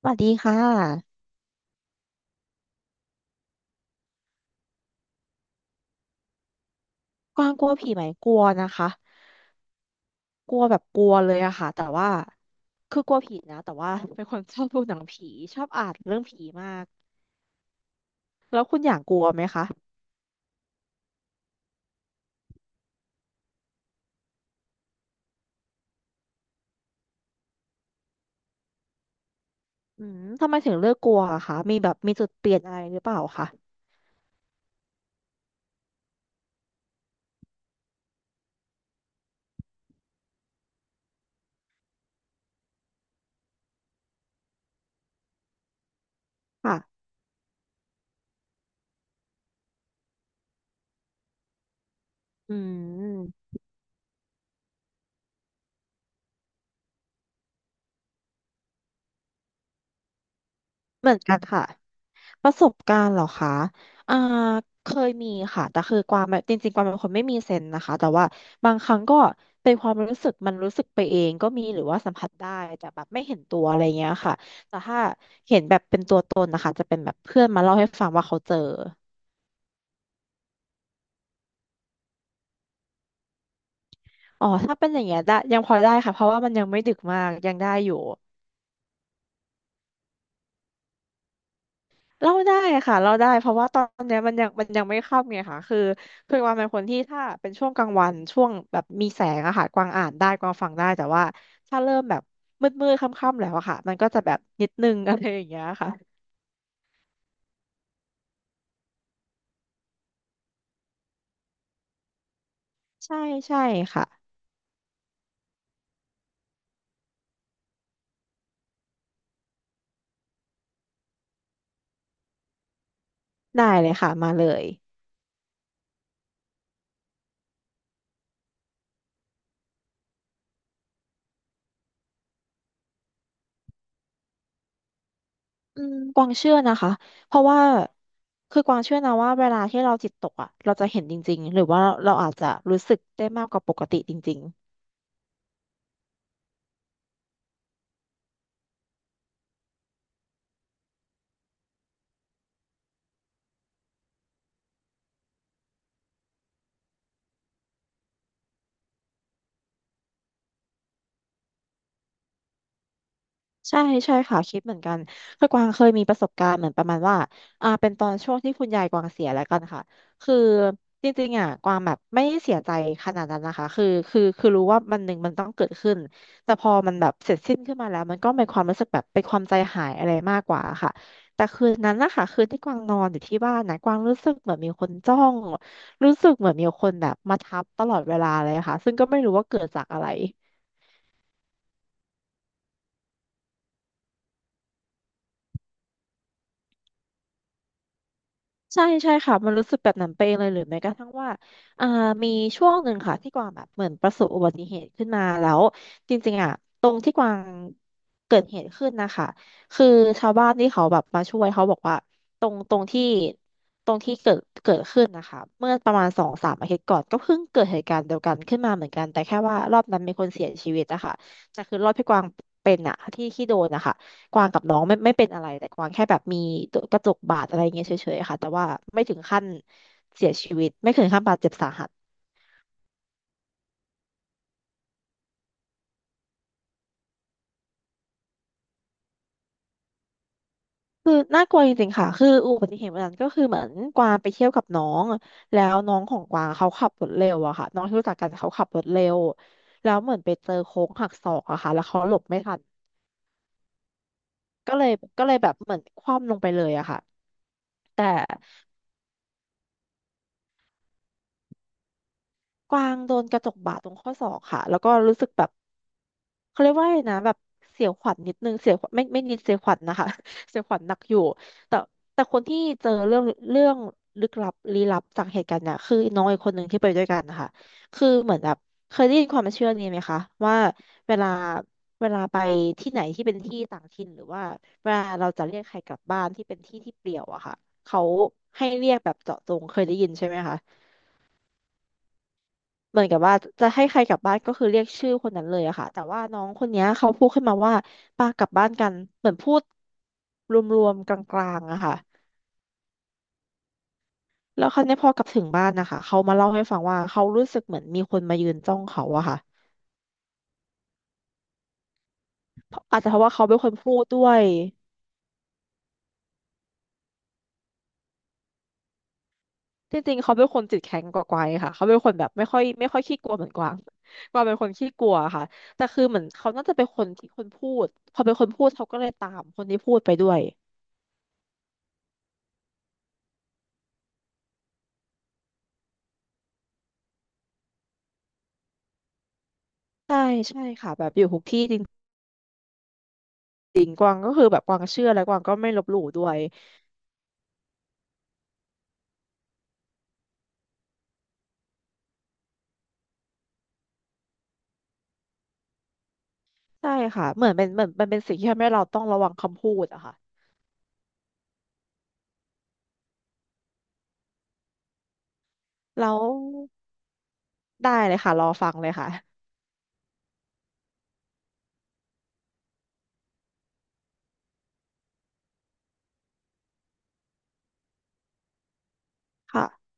สวัสดีค่ะกวางกลัวผีไหมกลัวนะคะกลัวแบบกลัวเลยอะค่ะแต่ว่าคือกลัวผีนะแต่ว่าเป็นคนชอบดูหนังผีชอบอ่านเรื่องผีมากแล้วคุณอย่างกลัวไหมคะอืมทำไมถึงเลือกกลัวอะคะมีแบบมีจุดเปลี่ยนอะไรหรือเปล่าคะค่ะอืม เหมือนกันค่ะประสบการณ์เหรอคะอ่าเคยมีค่ะแต่คือกวางแบบจริงๆกวางเป็นคนไม่มีเซนส์นะคะแต่ว่าบางครั้งก็เป็นความรู้สึกมันรู้สึกไปเองก็มีหรือว่าสัมผัสได้แต่แบบไม่เห็นตัวอะไรเงี้ยค่ะแต่ถ้าเห็นแบบเป็นตัวตนนะคะจะเป็นแบบเพื่อนมาเล่าให้ฟังว่าเขาเจออ๋อถ้าเป็นอย่างเงี้ยได้ยังพอได้ค่ะเพราะว่ามันยังไม่ดึกมากยังได้อยู่ เล่าได้ค่ะเล่าได้เพราะว่าตอนเนี้ยมันยังไม่ค่ำไงค่ะคือคือกวางเป็นคนที่ถ้าเป็นช่วงกลางวันช่วงแบบมีแสงอะค่ะกวางอ่านได้กวางฟังได้แต่ว่าถ้าเริ่มแบบมืดค่ำๆแล้วอะค่ะมันก็จะแบบนิดนึง อะไรอย่างเงี้ยค่ะใช่ใช่ค่ะได้เลยค่ะมาเลยอืมกวางเชื่อนะคะเพราะว่าคือกวางเชื่อนะว่าเวลาที่เราจิตตกอะเราจะเห็นจริงๆหรือว่าเราอาจจะรู้สึกได้มากกว่าปกติจริง ใช่ใช่ค่ะคิดเหมือนกันคือกวางเคยมีประสบการณ์เหมือนประมาณว่าเป็นตอนช่วงที่คุณยายกวางเสียแล้วกันค่ะคือจริงๆอ่ะกวางแบบไม่ได้เสียใจขนาดนั้นนะคะคือรู้ว่ามันหนึ่งมันต้องเกิดขึ้นแต่พอมันแบบเสร็จสิ้นขึ้นมาแล้วมันก็เป็นความรู้สึกแบบเป็นความใจหายอะไรมากกว่าค่ะแต่คืนนั้นนะคะคืนที่กวางนอนอยู่ที่บ้านนะกวางรู้สึกเหมือนมีคนจ้องรู้สึกเหมือนมีคนแบบมาทับตลอดเวลาเลยค่ะซึ่งก็ไม่รู้ว่าเกิดจากอะไร ใช่ใช่ค่ะมันรู้สึกแบบนั้นไปเองเลยหรือแม้กระทั่งว่าอ่ามีช่วงหนึ่งค่ะที่กวางแบบเหมือนประสบอุบัติเหตุขึ้นมาแล้วจริงๆอ่ะตรงที่กวางเกิดเหตุขึ้นนะคะคือชาวบ้านที่เขาแบบมาช่วยเขาบอกว่าตรงตรงที่ตรงที่เกิดขึ้นนะคะเมื่อประมาณสองสามอาทิตย์ก่อนก็เพิ่งเกิดเหตุการณ์เดียวกันขึ้นมาเหมือนกันแต่แค่ว่ารอบนั้นมีคนเสียชีวิตอะค่ะแต่คือรอบพี่กวางเป็นอะที่โดนนะคะ กวางกับน้องไม่เป็นอะไรแต่กวางแค่แบบมีตัวกระจกบาดอะไรเงี้ยเฉยๆค่ะแต่ว่าไม่ถึงขั้นเสียชีวิตไม่ถึงขั้นบาดเจ็บสาหัสคือน่ากลัวจริงๆค่ะคืออุบัติเหตุวันนั้นก็คือเหมือนกวางไปเที่ยวกับน้องแล้วน้องของกวางเขาขับรถเร็วอะค่ะน้องที่รู้จักกันเขาขับรถเร็วแล้วเหมือนไปเจอโค้งหักศอกอะค่ะแล้วเขาหลบไม่ทันก็เลยก็เลยแบบเหมือนคว่ำลงไปเลยอะค่ะแต่ กวางโดนกระจกบาดตรงข้อศอกค่ะแล้วก็รู้สึกแบบเขาเรียกว่าอไงนะแบบเสียวขวัญนิดนึงเสียวขวัญไม่นิดเสียวขวัญนะคะ เสียวขวัญหนักอยู่แต่แต่คนที่เจอเรื่องเรื่องลึกลับลี้ลับจากเหตุการณ์เนี่ยคือน้องอีกคนหนึ่งที่ไปด้วยกันนะคะคือเหมือนแบบเคยได้ยินความเชื่อนี้ไหมคะว่าเวลาเวลาไปที่ไหนที่เป็นที่ต่างถิ่นหรือว่าเวลาเราจะเรียกใครกลับบ้านที่เป็นที่ที่เปลี่ยวอะค่ะเขาให้เรียกแบบเจาะจงเคยได้ยินใช่ไหมคะ เหมือนกับว่าจะให้ใครกลับบ้านก็คือเรียกชื่อคนนั้นเลยอะค่ะแต่ว่าน้องคนเนี้ยเขาพูดขึ้นมาว่าปากลับบ้านกันเหมือนพูดรวมๆกลางๆอะค่ะแล้วคราวนี้พอกลับถึงบ้านนะคะเขามาเล่าให้ฟังว่าเขารู้สึกเหมือนมีคนมายืนจ้องเขาอะค่ะเพราะอาจจะเพราะว่าเขาเป็นคนพูดด้วยจริงๆเขาเป็นคนจิตแข็งกว่ากวางค่ะเขาเป็นคนแบบไม่ค่อยขี้กลัวเหมือนกวางกวางเป็นคนขี้กลัวค่ะแต่คือเหมือนเขาน่าจะเป็นคนที่คนพูดพอเป็นคนพูดเขาก็เลยตามคนที่พูดไปด้วยใช่ใช่ค่ะแบบอยู่ทุกที่จริงเชื่อ ไม่ลบหลู่ด้วยใช่ค่ะเหมือนเป็นเหมือนมันเป็นสิ่งที่ทำให้เราต้องระวังคำพูดอะค่ะแล้วได้เลยค่ะรอฟังเลยค่ะค่ะ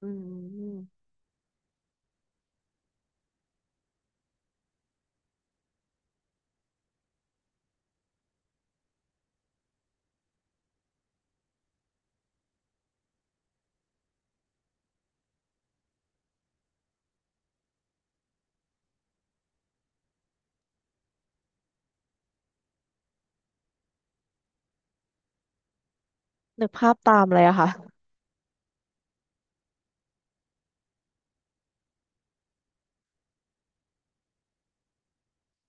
อืมนึกภาพตามเลยอะค่ะ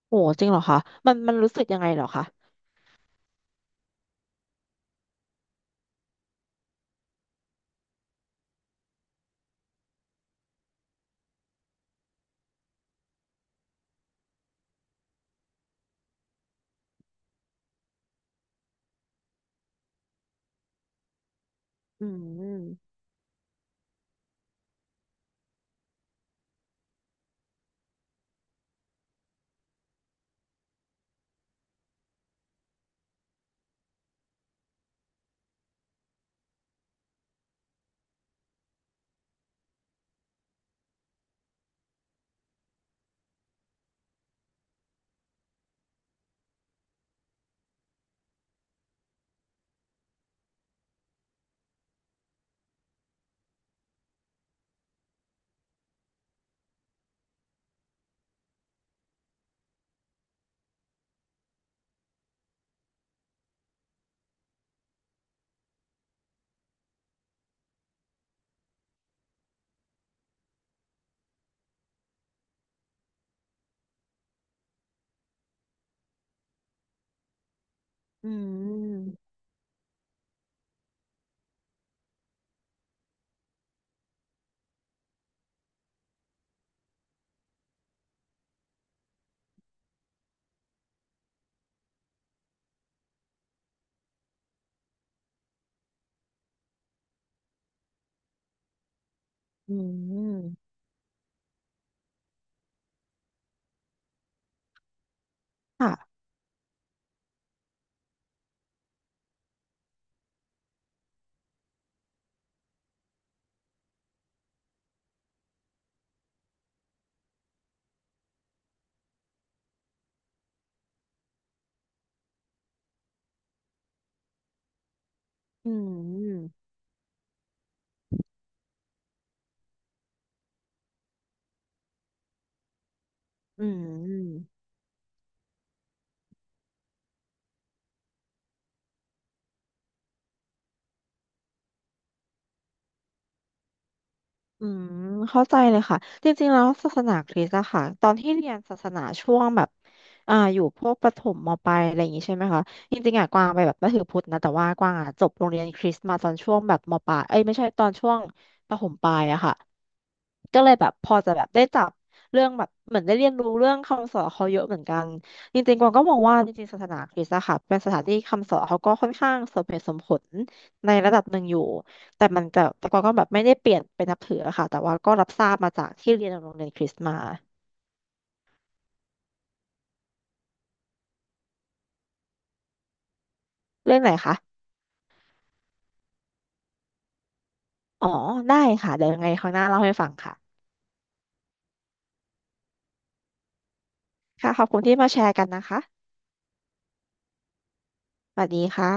โหจริงเหรอคะมันมันรู้สึกยังไงเหรอคะอืมอืมอืมค่ะอืมอืม อืมเข้าใจเลยค่ะจริงๆแล้วศาสนาคริสต์อะค่ะตอนที่เรียนศาสนาช่วงแบบอ่าอยู่พวกประถมมปลายอะไรอย่างงี้ใช่ไหมคะจริงๆอะกวางไปแบบนับถือพุทธนะแต่ว่ากวางอะจบโรงเรียนคริสต์มาตอนช่วงแบบมปลายเอ้ยไม่ใช่ตอนช่วงประถมปลายอะค่ะก็เลยแบบพอจะแบบได้จับเรื่องแบบเหมือนได้เรียนรู้เรื่องคำสอนเขาเยอะเหมือนกันจริงๆกวางก็มองว่าจริงๆศาสนาคริสต์อะค่ะเป็นสถานที่คำสอนเขาก็ค่อนข้างสมเหตุสมผลในระดับหนึ่งอยู่ แต่มันจะแต่ก็แบบไม่ได้เปลี่ยนเป็นนับถืออะค่ะแต่ว่าก็รับทราบมาจากที่เรียนโรงเรียนคริสต์มาเรื่องไหนคะอ๋อได้ค่ะเดี๋ยวยังไงครั้งหน้าเล่าให้ฟังค่ะค่ะขอบคุณที่มาแชร์กันนะคะสวัสดีค่ะ